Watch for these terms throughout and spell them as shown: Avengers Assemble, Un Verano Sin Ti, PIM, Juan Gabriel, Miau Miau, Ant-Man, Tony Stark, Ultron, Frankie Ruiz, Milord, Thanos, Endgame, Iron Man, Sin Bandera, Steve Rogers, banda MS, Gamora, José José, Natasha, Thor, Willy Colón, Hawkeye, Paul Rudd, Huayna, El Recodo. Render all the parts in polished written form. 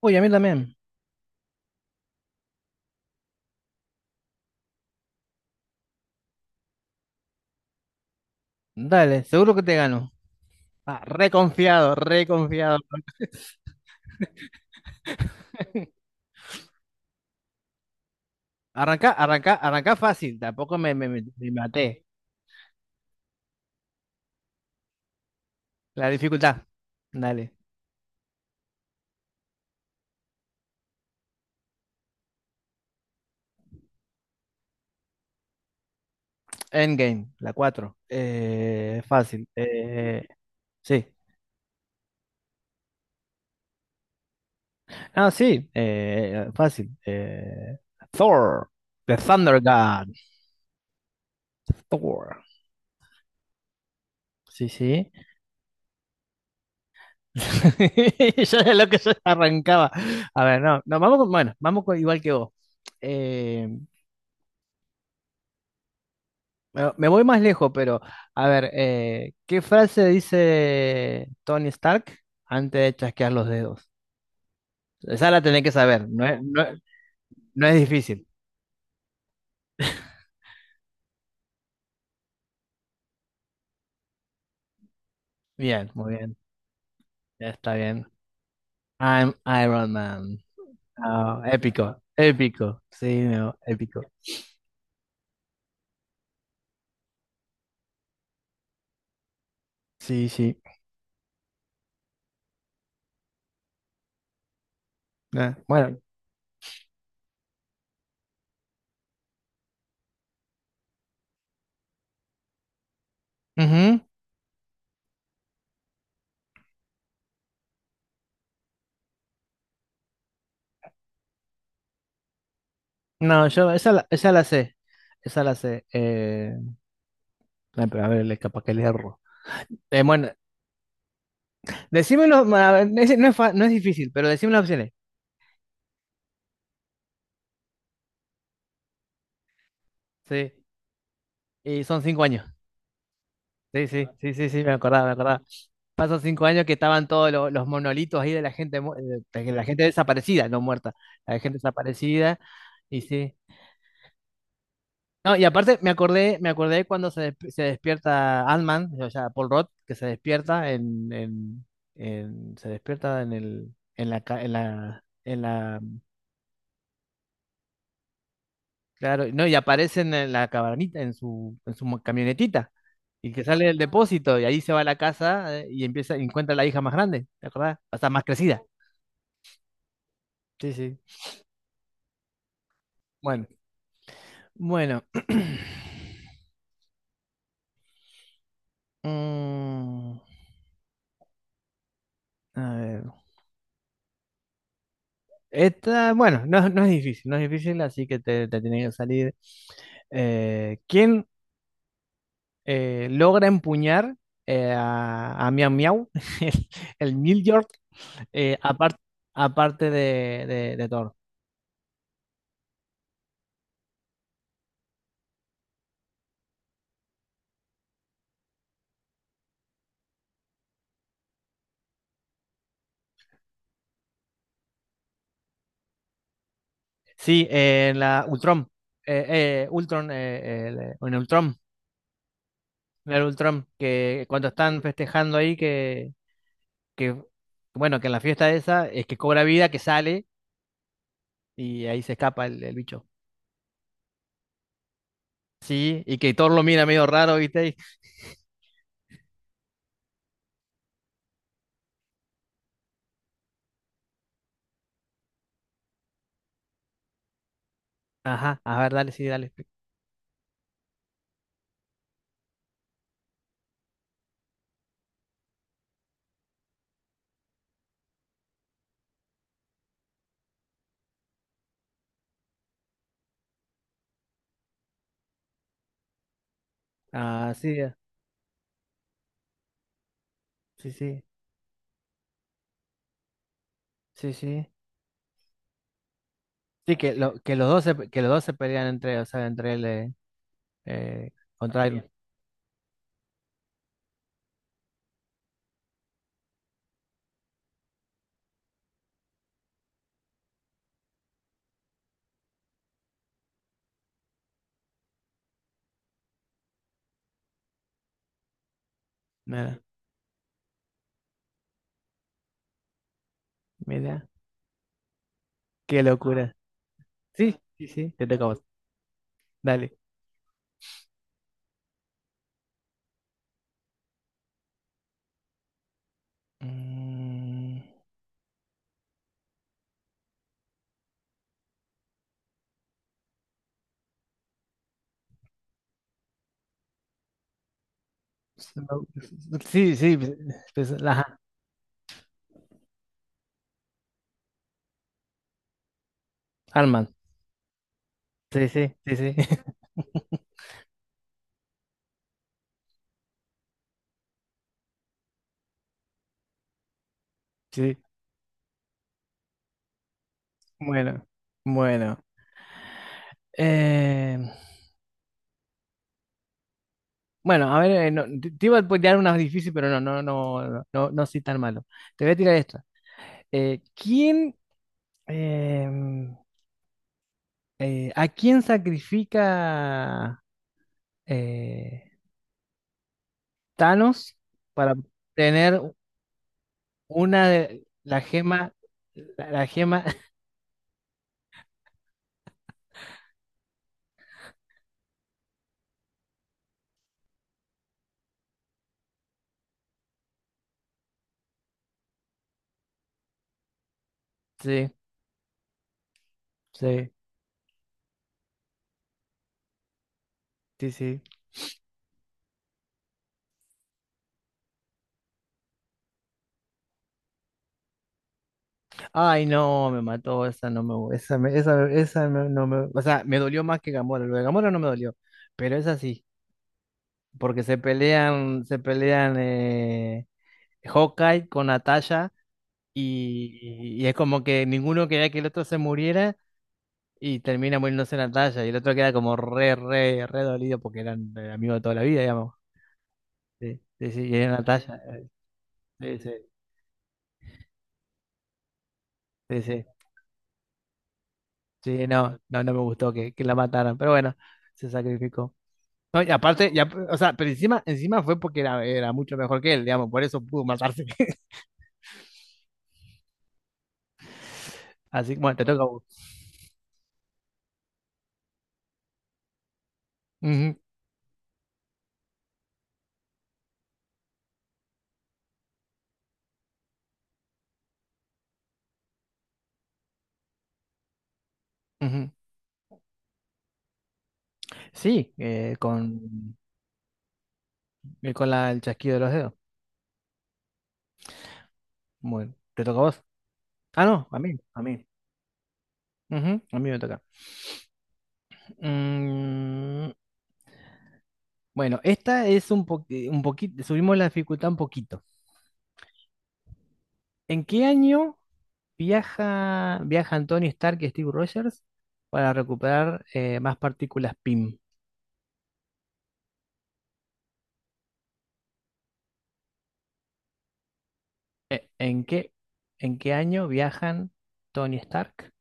Uy, a mí también. Dale, seguro que te gano. Ah, reconfiado, reconfiado. Arranca, arranca, arranca fácil. Tampoco me maté. La dificultad. Dale. Endgame, la 4. Fácil. Sí. Ah, sí. Fácil. Thor. The Thunder God. Thor. Sí, sí. Yo era lo que yo arrancaba. A ver, no, no, vamos con, bueno, vamos con igual que vos. Eh, Bueno, me voy más lejos, pero a ver, ¿qué frase dice Tony Stark antes de chasquear los dedos? Esa la tenés que saber, no es difícil. Bien, muy bien, ya está bien. I'm Iron Man. Ah, épico, épico, sí, no, épico. Sí, sí. Ah, bueno, ujú. No, yo esa la sé. Ay, pero a ver, capaz que le erro. Bueno, decímelo, a ver, no es difícil, pero decime las opciones. Sí. Y son 5 años. Sí, sí, sí, sí, sí, me acordaba, me acordaba. Pasan 5 años que estaban todos los monolitos ahí de la gente, de la gente desaparecida, no muerta, la gente desaparecida, y sí. No, y aparte me acordé cuando se despierta Ant-Man, o sea, Paul Rudd, que se despierta se despierta en el, en la, ca- en la Claro, no, y aparecen en la cabanita, en su camionetita, y que sale del depósito, y ahí se va a la casa, y empieza, y encuentra a la hija más grande, ¿te acordás? O sea, más crecida. Sí, sí. Bueno, bueno. Mm, a ver. Esta, bueno, no, no es difícil, no es difícil, así que te tiene que salir. ¿Quién logra empuñar, a Miau Miau, el, el Milord, eh, apar- aparte de Thor? Sí, en la Ultron. Eh, Ultron, en Ultron. En el Ultron, que cuando están festejando ahí, que bueno, que en la fiesta esa es que cobra vida, que sale y ahí se escapa el bicho. Sí, y que Thor lo mira medio raro, ¿viste? Ajá, a ver, dale, sí, dale. Ah, sí, sí, sí, sí, sí. Sí, los dos se pelean entre, o sea, entre él, eh, contra él. Mira, mira, qué locura. Sí, sí, sí, te toca a vos. Dale. Mm, Slow- Sí, sí, pues, ajá, Arman. Sí, sí, sí, sí. Sí. Bueno, bueno. Eh, bueno, a ver, no, te iba a tirar unas difíciles, pero no, no, no, no, no, no soy tan malo. Te voy a tirar esto. Eh, ¿quién, em, a quién sacrifica, eh, Thanos para tener una de la gema, la gema? Sí, sí, sí, sí. Ay, no, me mató, esa no me gu- esa, me- esa no, no me, o sea, me dolió más que Gamora, lo de Gamora no me dolió, pero es así, porque se pelean, Hawkeye con Natasha, y es como que ninguno quería que el otro se muriera y termina muriéndose Natasha y el otro queda como re, re, re dolido porque eran, amigos de toda la vida, digamos. Sí, sí, sí, y era Natasha, sí, sí, sí, sí, sí, no, no, no me gustó que la mataran, pero bueno, se sacrificó. No, y aparte, ya, o sea, pero encima, encima fue porque era, mucho mejor que él, digamos, por eso pudo matarse. Así que, bueno, te toca a vos. Ujú, ujú. Sí, con el chasquido de los dedos. Bueno, te toca a vos. Ah, no, a mí, a mí. Ujú, a mí me toca. Mm, bueno, esta es un poquito, subimos la dificultad un poquito. ¿En qué año viajan Tony Stark y Steve Rogers para recuperar, más partículas PIM? Eh, ¿En qué, en qué año viajan Tony Stark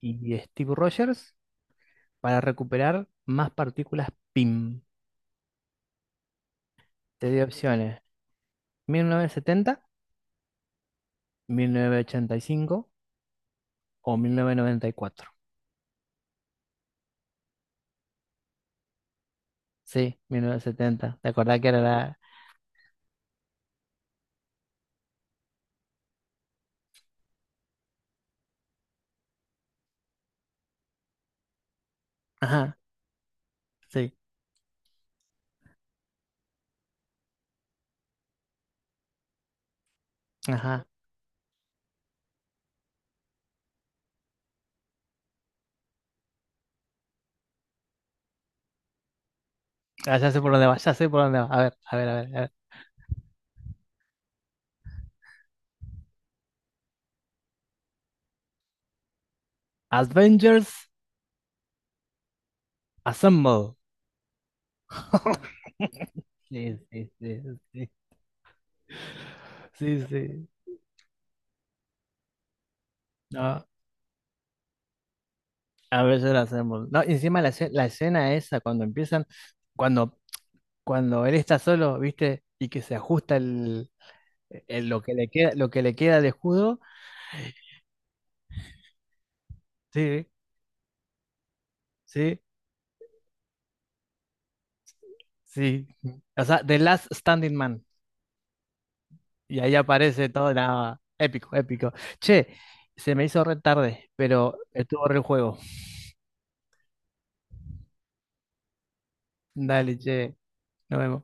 y Steve Rogers para recuperar más partículas PIM? Te doy opciones: 1970, 1985 o 1994. Sí, 1970. ¿Te acordás que era la…? Ajá, sí, ajá. Ah, ya sé por dónde va, ya sé por dónde va. A ver, a ver, a ver. A ver. Avengers Assemble. Sí, sí, sí, sí. Sí, sí. No. A veces la hacemos. No, y encima la, la escena esa, cuando empiezan, cuando, cuando él está solo, ¿viste? Y que se ajusta el, lo que le queda de escudo. Sí, sí, sí. O sea, The Last Standing Man. Y ahí aparece todo, nada, épico, épico. Che, se me hizo re tarde, pero estuvo re el juego. Dale, che, nos vemos.